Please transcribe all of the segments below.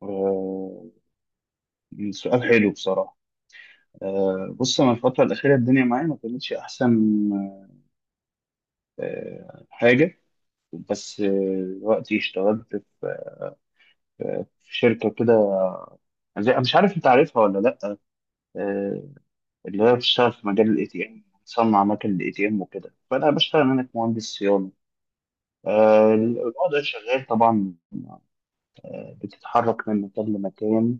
آه، سؤال حلو بصراحة. بص أنا الفترة الأخيرة الدنيا معايا ما كانتش أحسن حاجة. بس دلوقتي اشتغلت في في شركة كده مش عارف أنت عارفها ولا لأ. آه، اللي هي بتشتغل في مجال الاي تي ام، بتصنع اماكن الاي تي ام وكده، فأنا بشتغل هناك مهندس صيانة. الوضع شغال طبعا، بتتحرك من مكان لمكان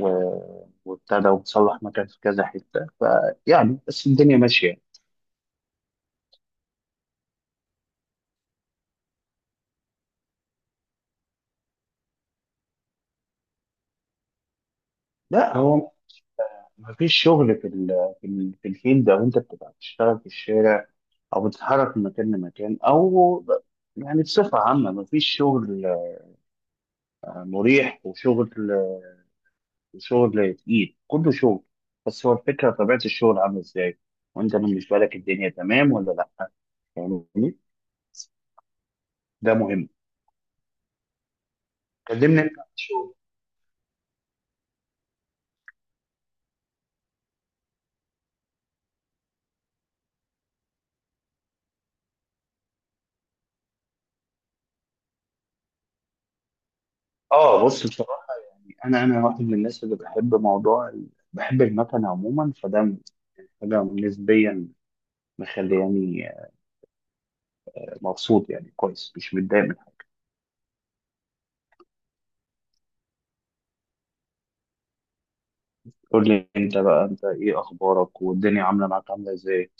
وابتدى وتصلح مكان في كذا حتة، فيعني بس الدنيا ماشية. لا، هو مفيش شغل في الفيلد، أو أنت بتبقى بتشتغل في الشارع أو بتتحرك من مكان لمكان يعني بصفة عامة مفيش شغل مريح، وشغل تقيل، كله شغل. بس هو الفكرة طبيعة الشغل عاملة إزاي، وأنت بالنسبة لك الدنيا تمام ولا لأ، فاهمني؟ ده مهم. كلمني أنت عن الشغل. آه، بص، انا واحد من الناس اللي بحب بحب المكن عموما، فده حاجه نسبيا مخلياني مبسوط، يعني كويس مش متضايق منها. قول لي انت بقى، انت ايه اخبارك، والدنيا عامله معاك عامله ازاي؟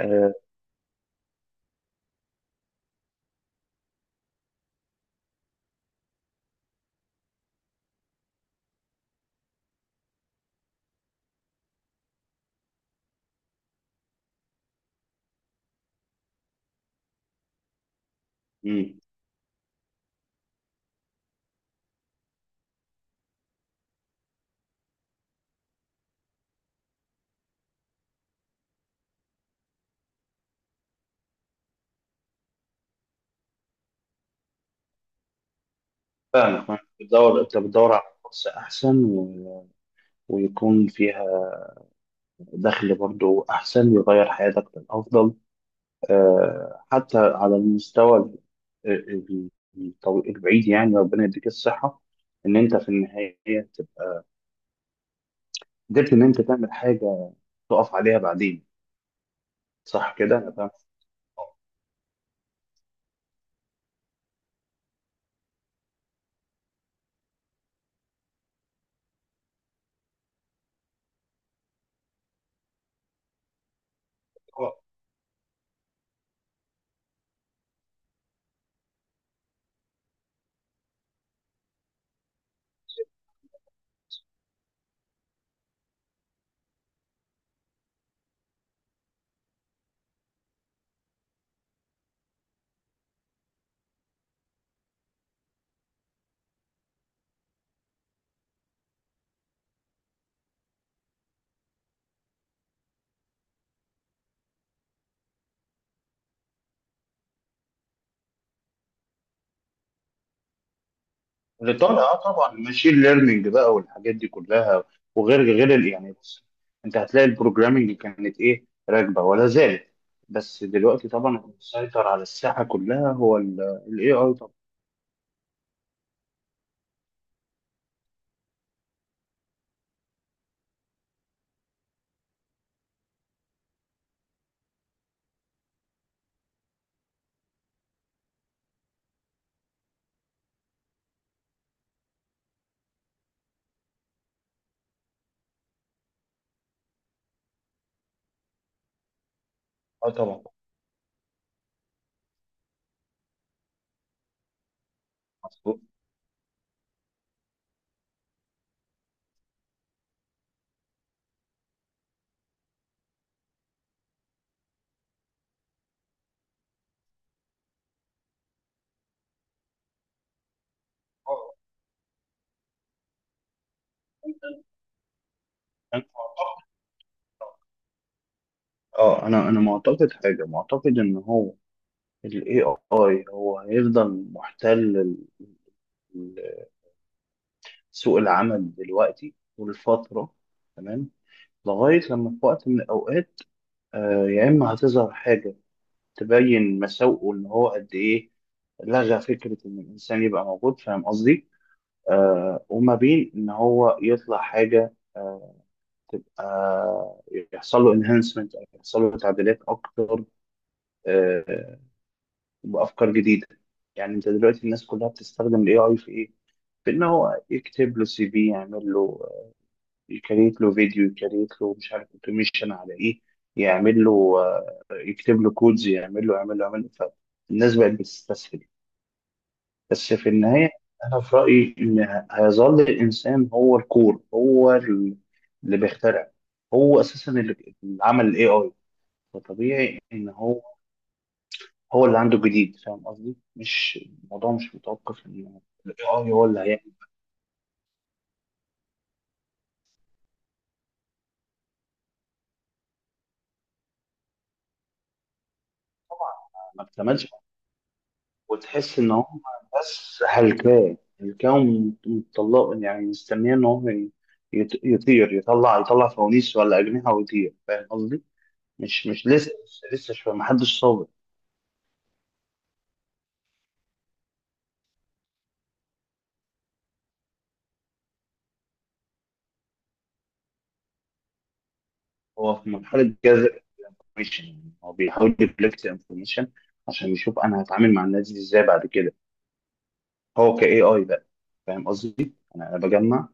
آه، امم، فاهمك فاهمك. بتدور، انت بتدور على فرصه احسن ويكون فيها دخل برضو احسن، يغير حياتك للافضل. حتى على ال- البعيد، يعني ربنا يديك الصحه ان انت في النهايه قدرت ان انت تعمل حاجه تقف عليها بعدين. صح كده انا فاهم؟ اللي طالع، اه طبعا، ماشين ليرنينج بقى والحاجات دي كلها. وغير غير يعني بص، انت هتلاقي البروجرامينج كانت ايه راكبه، ولا زالت، بس دلوقتي طبعا اللي مسيطر على الساحه كلها هو الاي اي طبعا. اه طبعا، مظبوط. اه، أنا معتقد- انا معتقد حاجه، معتقد ان هو الاي اي هو هيفضل محتل سوق العمل دلوقتي والفترة، تمام، لغاية لما في وقت من الأوقات يا إما هتظهر حاجة تبين مساوئه إن هو قد إيه لغى فكرة إن الإنسان يبقى موجود، فاهم قصدي؟ وما بين إن هو يطلع حاجة تبقى، يحصل له انهانسمنت، أو يحصل له تعديلات أكتر آه، بأفكار جديدة. يعني أنت دلوقتي الناس كلها بتستخدم ال AI في إيه؟ في إن هو يكتب له سي في، يعمل له، يكريت له فيديو، يكريت له مش عارف اوتوميشن على ايه، يعمل له يكتب له كودز، يعمل له يعمل له. فالناس بقت بتستسهل، بس في النهاية أنا في رأيي إن هيظل الإنسان هو الكور، اللي بيخترع. هو أساسا اللي عمل ال AI، فطبيعي إن هو اللي عنده جديد، فاهم قصدي؟ مش الموضوع، مش متوقف إن ال AI هو اللي هيعمل طبعا. ما اكتملش. وتحس ان هم بس هلكاه، مطلق، يعني مستنيه ان يطير، يطلع فوانيس ولا اجنحه ويطير، فاهم قصدي؟ مش لسه، لسه شويه، ما حدش صابر. هو في مرحله جاذب انفورميشن، يعني هو بيحاول يكولكت انفورميشن عشان يشوف انا هتعامل مع الناس دي ازاي بعد كده. هو كاي اي بقى، فاهم قصدي؟ أنا بجمع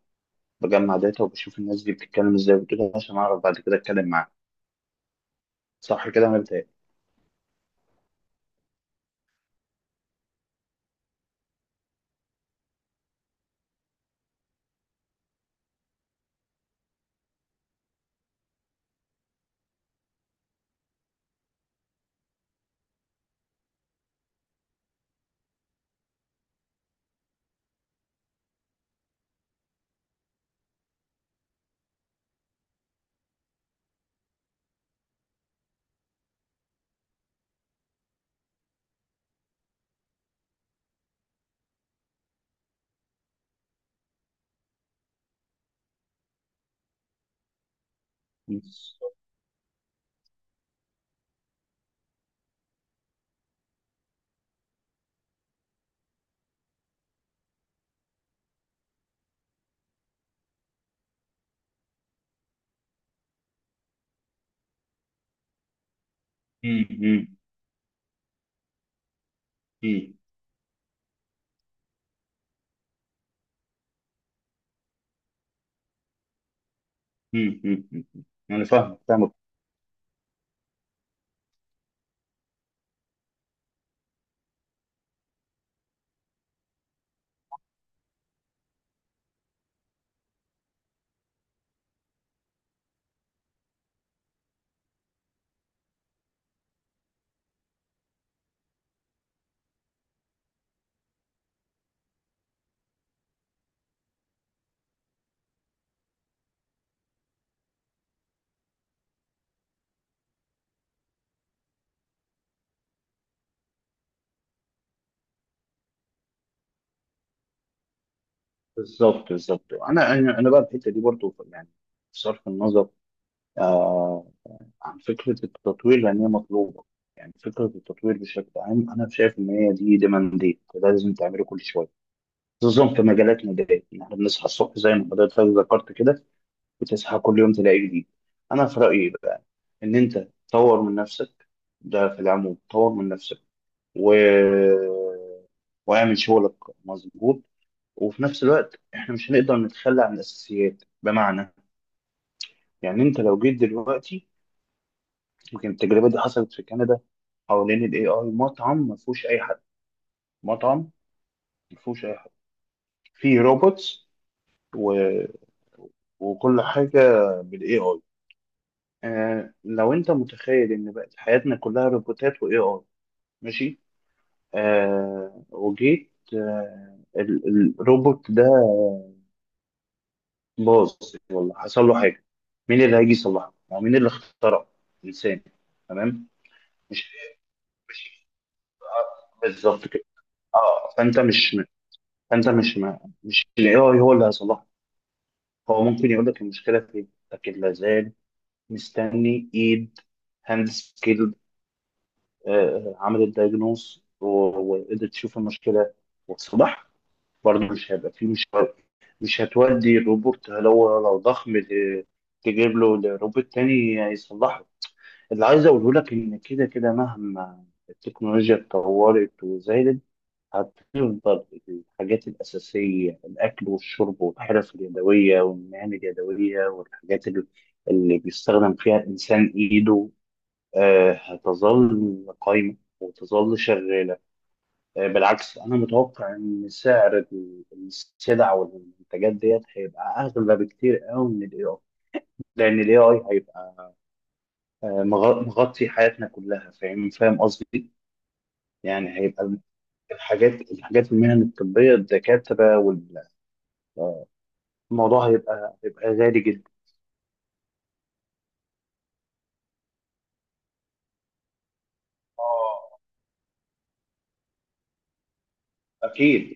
بجمع داتا، وبشوف الناس دي بتتكلم ازاي وبتقول إيه، عشان اعرف بعد كده اتكلم معاها. صح كده انا بتهيألي. مم. مم. مم. مم، مم، مم. انا فاهم، فاهمك. بالظبط بالظبط. انا انا أنا بقى الحته دي برضو يعني، بصرف النظر آه عن فكره التطوير لان هي مطلوبه، يعني فكره التطوير بشكل عام، انا شايف ان هي دي ديمانديت، ده لازم تعمله كل شويه، خصوصا في مجالاتنا دي، إن احنا بنصحى الصبح زي ما حضرتك ذكرت كده، بتصحى كل يوم تلاقي جديد. انا في رايي بقى ان انت تطور من نفسك، ده في العموم طور من نفسك، و واعمل شغلك، مظبوط. وفي نفس الوقت احنا مش هنقدر نتخلى عن الاساسيات. بمعنى، يعني انت لو جيت دلوقتي، يمكن التجربه دي حصلت في كندا، حوالين الاي اي، مطعم ما فيهوش اي حد، مطعم ما فيهوش اي حد، فيه روبوتس و... وكل حاجه بالاي اي. آه لو انت متخيل ان بقت حياتنا كلها روبوتات واي اي، ماشي، آه وجيت، الروبوت ده باظ، والله حصل له حاجه، مين اللي هيجي يصلحه؟ ما هو مين اللي اخترع؟ انسان. تمام؟ مش مش بالظبط كده. اه فانت مش الاي اي هو اللي هيصلحه. هو ممكن يقول لك المشكله فين، لكن لا زال مستني ايد، هاند سكيلد، عملت دايجنوس وقدرت تشوف المشكله وتصلحها. برضه مش هيبقى فيه مش مش هتودي الروبوت، لو ضخم، تجيب له روبوت تاني يصلحه. اللي عايز اقوله لك ان كده كده مهما التكنولوجيا اتطورت وزادت، هتفضل الحاجات الأساسية، الأكل والشرب والحرف اليدوية والمهن اليدوية، اللي بيستخدم فيها الإنسان إيده هتظل قايمة وتظل شغالة. بالعكس، أنا متوقع إن سعر السلع والمنتجات ديت هيبقى أغلى بكتير قوي من ال AI، لأن ال AI هيبقى مغطي حياتنا كلها، فاهم فاهم قصدي؟ يعني هيبقى الحاجات في المهن الطبية، الدكاترة، والموضوع هيبقى غالي جدا. اه اكيد.